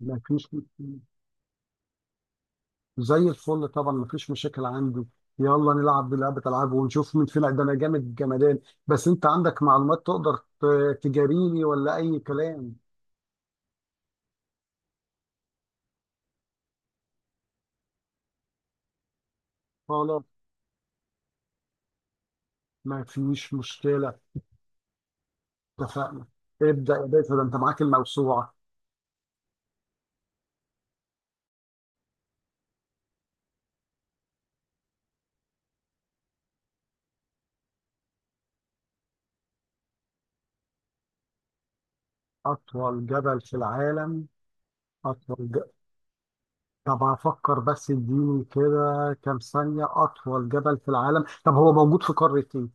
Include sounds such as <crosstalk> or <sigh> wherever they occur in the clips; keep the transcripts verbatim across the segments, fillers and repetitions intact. ما فيش. زي الفل طبعا، ما فيش مشاكل عندي. يلا نلعب بلعبة ألعاب ونشوف مين فينا، ده أنا جامد جمدان. بس أنت عندك معلومات تقدر ت- تجاريني ولا أي كلام؟ خلاص، ما فيش مشكلة. اتفقنا. ابدأ يا باشا، ده أنت معاك الموسوعة. أطول جبل في العالم. أطول ج... طب هفكر، بس اديني كده كام ثانية. أطول جبل في العالم، طب هو موجود في قارة إيه؟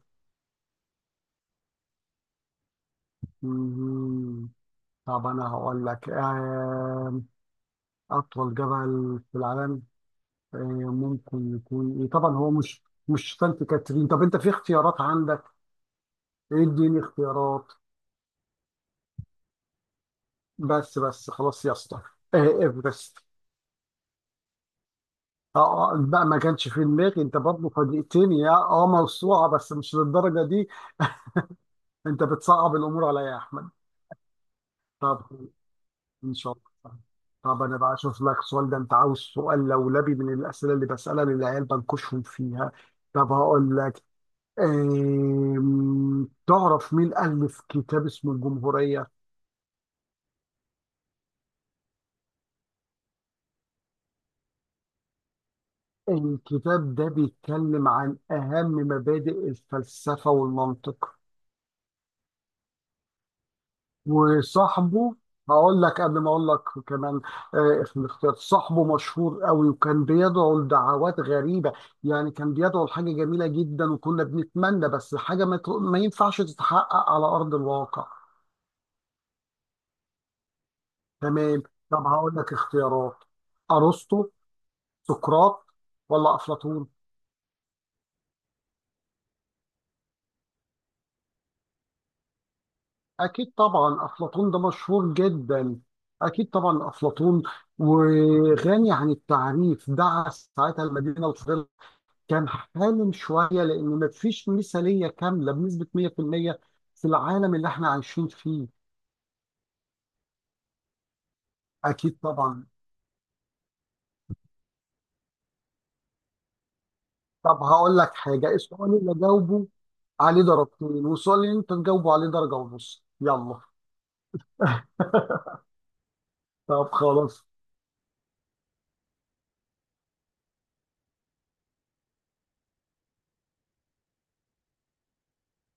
مم، طب أنا هقول لك آه... أطول جبل في العالم. آه، ممكن يكون إيه؟ طبعا هو مش مش سانت كاترين. طب أنت في اختيارات عندك؟ إديني اختيارات. بس بس خلاص يا اسطى. آه، إيفرست. اه آه، بقى ما كانش في دماغي. أنت برضه فاجئتني يا أه موسوعة، بس مش للدرجة دي. <laughs> أنت بتصعب الأمور عليا يا أحمد. طب إن شاء الله. طب أنا بقى أشوف لك سؤال، ده أنت عاوز سؤال لولبي من الأسئلة اللي بسألها للعيال بنكشهم فيها. طب هقول لك. آم، تعرف مين ألف كتاب اسمه الجمهورية؟ الكتاب ده بيتكلم عن أهم مبادئ الفلسفة والمنطق. وصاحبه هقول لك قبل ما أقول لك كمان. آه، في الاختيار، صاحبه مشهور قوي وكان بيدعو لدعوات غريبة. يعني كان بيدعو لحاجة جميلة جدا وكنا بنتمنى، بس حاجة ما, ت- ما ينفعش تتحقق على أرض الواقع. تمام. طب هقول لك اختيارات: أرسطو، سقراط، ولا أفلاطون؟ أكيد طبعا أفلاطون، ده مشهور جدا. أكيد طبعا أفلاطون، وغني عن التعريف. دعس ساعتها المدينة الفاضلة. كان حالم شوية، لأن مفيش مثالية كاملة بنسبة مية في المية في المية في العالم اللي إحنا عايشين فيه. أكيد طبعا. طب هقول لك حاجة: السؤال اللي أجاوبه عليه درجتين، والسؤال اللي أنت تجاوبه عليه درجة ونص. يلا. <laughs> طب خلاص.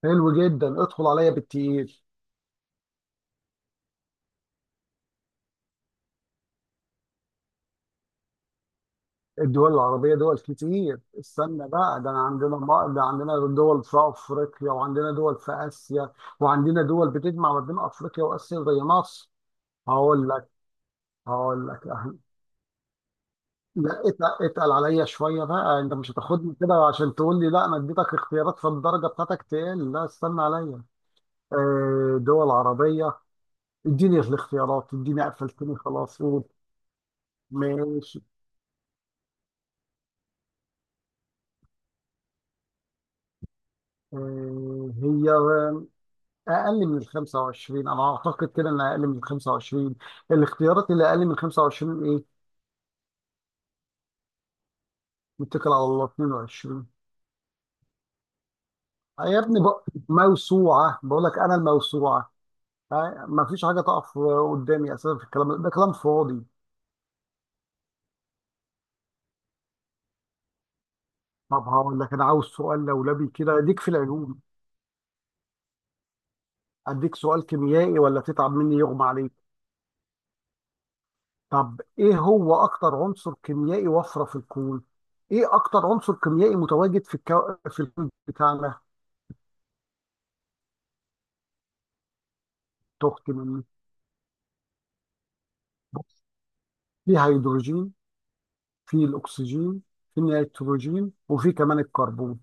حلو جدا، ادخل عليا بالتقيل. الدول العربية دول كتير. استنى بقى، ده أنا عندنا ما- ده عندنا دول في أفريقيا، وعندنا دول في آسيا، وعندنا دول بتجمع ما بين أفريقيا وآسيا زي مصر. هقول لك. هقول لك أهل. لا اتقل, اتقل عليا شوية بقى. أنت مش هتاخدني كده عشان تقول لي لا أنا اديتك اختيارات، فالدرجة بتاعتك تقل. لا، استنى عليا. آه، دول عربية. اديني الاختيارات، اديني، قفلتني خلاص، قول. ماشي. آه، هي اقل من ال خمسة وعشرين، انا اعتقد كده انها اقل من ال خمسة وعشرين. الاختيارات اللي اقل من خمسة وعشرين ايه؟ متكل على الله، اتنين وعشرين. يا ابني بق... موسوعه بقول لك، انا الموسوعه. آه، ما فيش حاجه تقف قدامي اساسا، في الكلام ده ده كلام فاضي. طب هقول لك، انا عاوز سؤال لولبي كده اديك في العلوم، اديك سؤال كيميائي، ولا تتعب مني يغمى عليك. طب ايه هو اكتر عنصر كيميائي وفره في الكون؟ ايه اكتر عنصر كيميائي متواجد في الكو... في الكون بتاعنا؟ تخت مني. في هيدروجين، في الاكسجين، في النيتروجين، وفي كمان الكربون.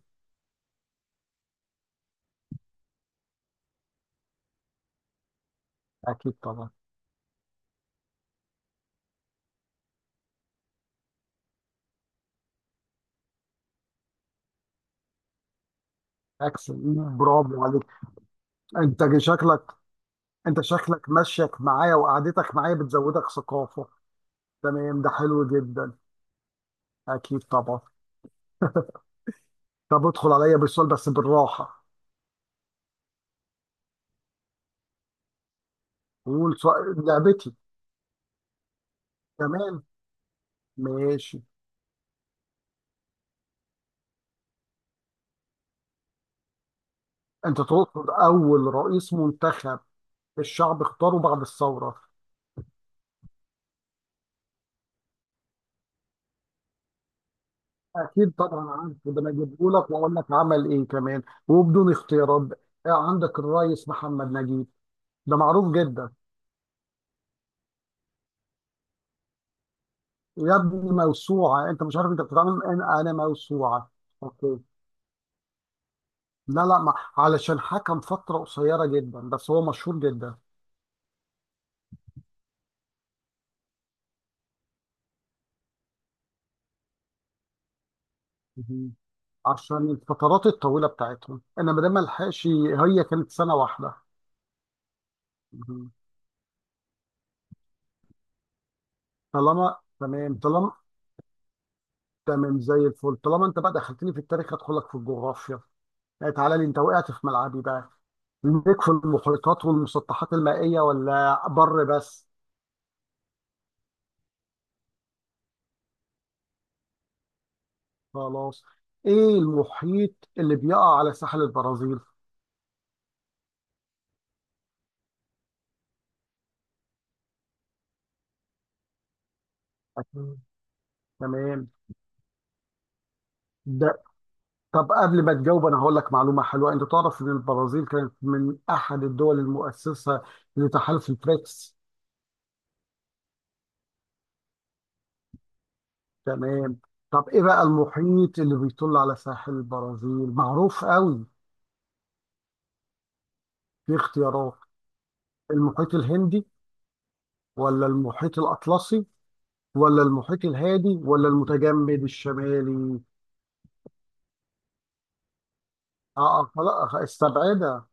اكيد طبعا. اكسل، برافو عليك. انت شكلك انت شكلك مشيك معايا وقعدتك معايا بتزودك ثقافه. تمام، ده حلو جدا. اكيد طبعا. طب ادخل عليا بالسؤال بس بالراحه. قول سؤال لعبتي. تمام. ماشي. انت تقصد اول رئيس منتخب الشعب اختاره بعد الثوره؟ اكيد طبعا عارف، وده انا اجيبه لك واقول لك عمل ايه كمان، وبدون اختيارات بقى. عندك الرئيس محمد نجيب، ده معروف جدا. يا ابني موسوعه، انت مش عارف انت بتتعامل، انا انا موسوعه. اوكي. لا لا، ما. علشان حكم فتره قصيره جدا، بس هو مشهور جدا. مهم. عشان الفترات الطويله بتاعتهم، انا ما دام الحقش، هي كانت سنه واحده. مهم. طالما تمام. طالما تمام زي الفل. طالما انت بقى دخلتني في التاريخ، هدخلك في الجغرافيا. لا، تعالى لي، انت وقعت في ملعبي بقى. ليك في المحيطات والمسطحات المائية ولا بر بس؟ خلاص. ايه المحيط اللي بيقع على ساحل البرازيل؟ مم. تمام ده. طب قبل ما تجاوب انا هقول لك معلومة حلوة: انت تعرف ان البرازيل كانت من احد الدول المؤسسة لتحالف البريكس؟ تمام. طب ايه بقى المحيط اللي بيطل على ساحل البرازيل؟ معروف قوي. في اختيارات: المحيط الهندي، ولا المحيط الأطلسي، ولا المحيط الهادي، ولا المتجمد الشمالي؟ اه اه خلاص. آه، استبعدها.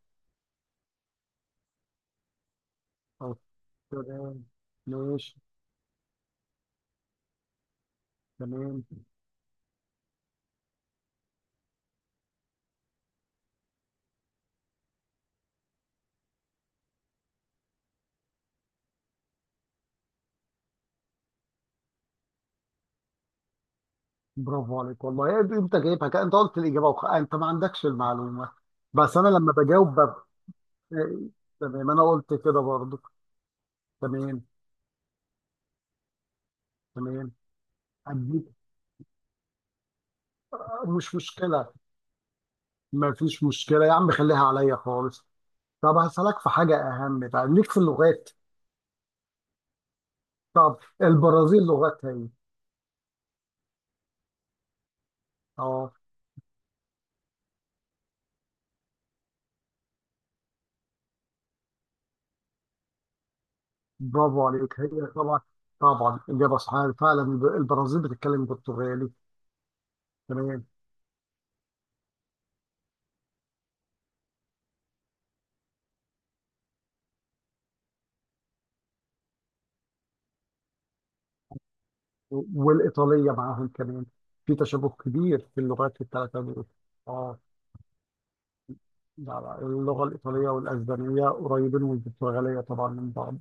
آه، تمام. ماشي. تمام. برافو عليك والله. إيه، انت جايبها كده، انت قلت الاجابه وخ... انت ما عندكش المعلومه. بس انا لما بجاوب بب... آه، تمام، انا قلت كده برضو. تمام تمام. اديك. آه، مش مشكله. ما فيش مشكله يا عم، خليها عليا خالص. طب هسألك في حاجه اهم بقى، ليك في اللغات. طب البرازيل لغتها ايه؟ اه برافو عليك، هي طبعا طبعا اجابه صحيحه فعلا. البرازيل بتتكلم برتغالي كمان. والايطاليه معاهم كمان، في تشابه كبير في اللغات الثلاثه دول. اه لا لا، اللغه الايطاليه والاسبانيه قريبين، والبرتغاليه طبعا، من بعض.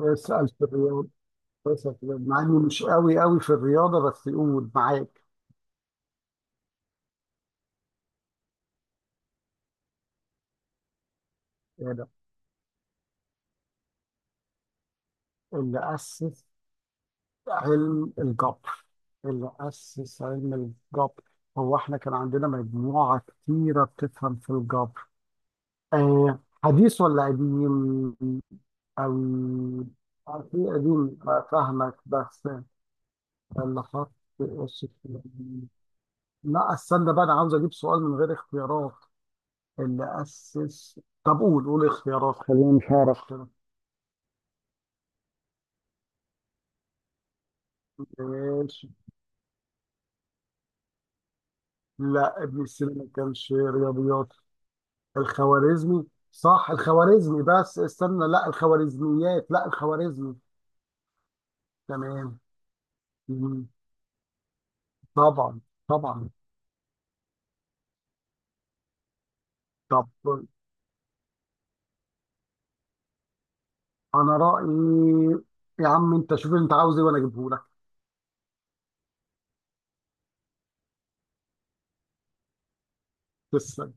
اسال في الرياضه اسال في الرياضة. مع اني مش قوي قوي في الرياضه، بس يقول معاك. هنا اللي اسس علم الجبر. اللي اسس علم الجبر هو احنا كان عندنا مجموعه كتيره بتفهم في الجبر. آه، حديث ولا قديم؟ أو في قديم. آه، فاهمك. بس اللي حط. إيش في- لا استنى بقى، أنا عاوز أجيب سؤال من غير اختيارات. اللي أسس. طب قول، قول اختيارات، خليني مش هعرف كده. إيش. لا ابن سينا ما كانش رياضيات. الخوارزمي. صح، الخوارزمي. بس استنى، لا الخوارزميات، لا الخوارزمي. تمام. مم، طبعا طبعا. طب انا رايي، يا عم انت شوف انت عاوز ايه وانا اجيبه لك. بس.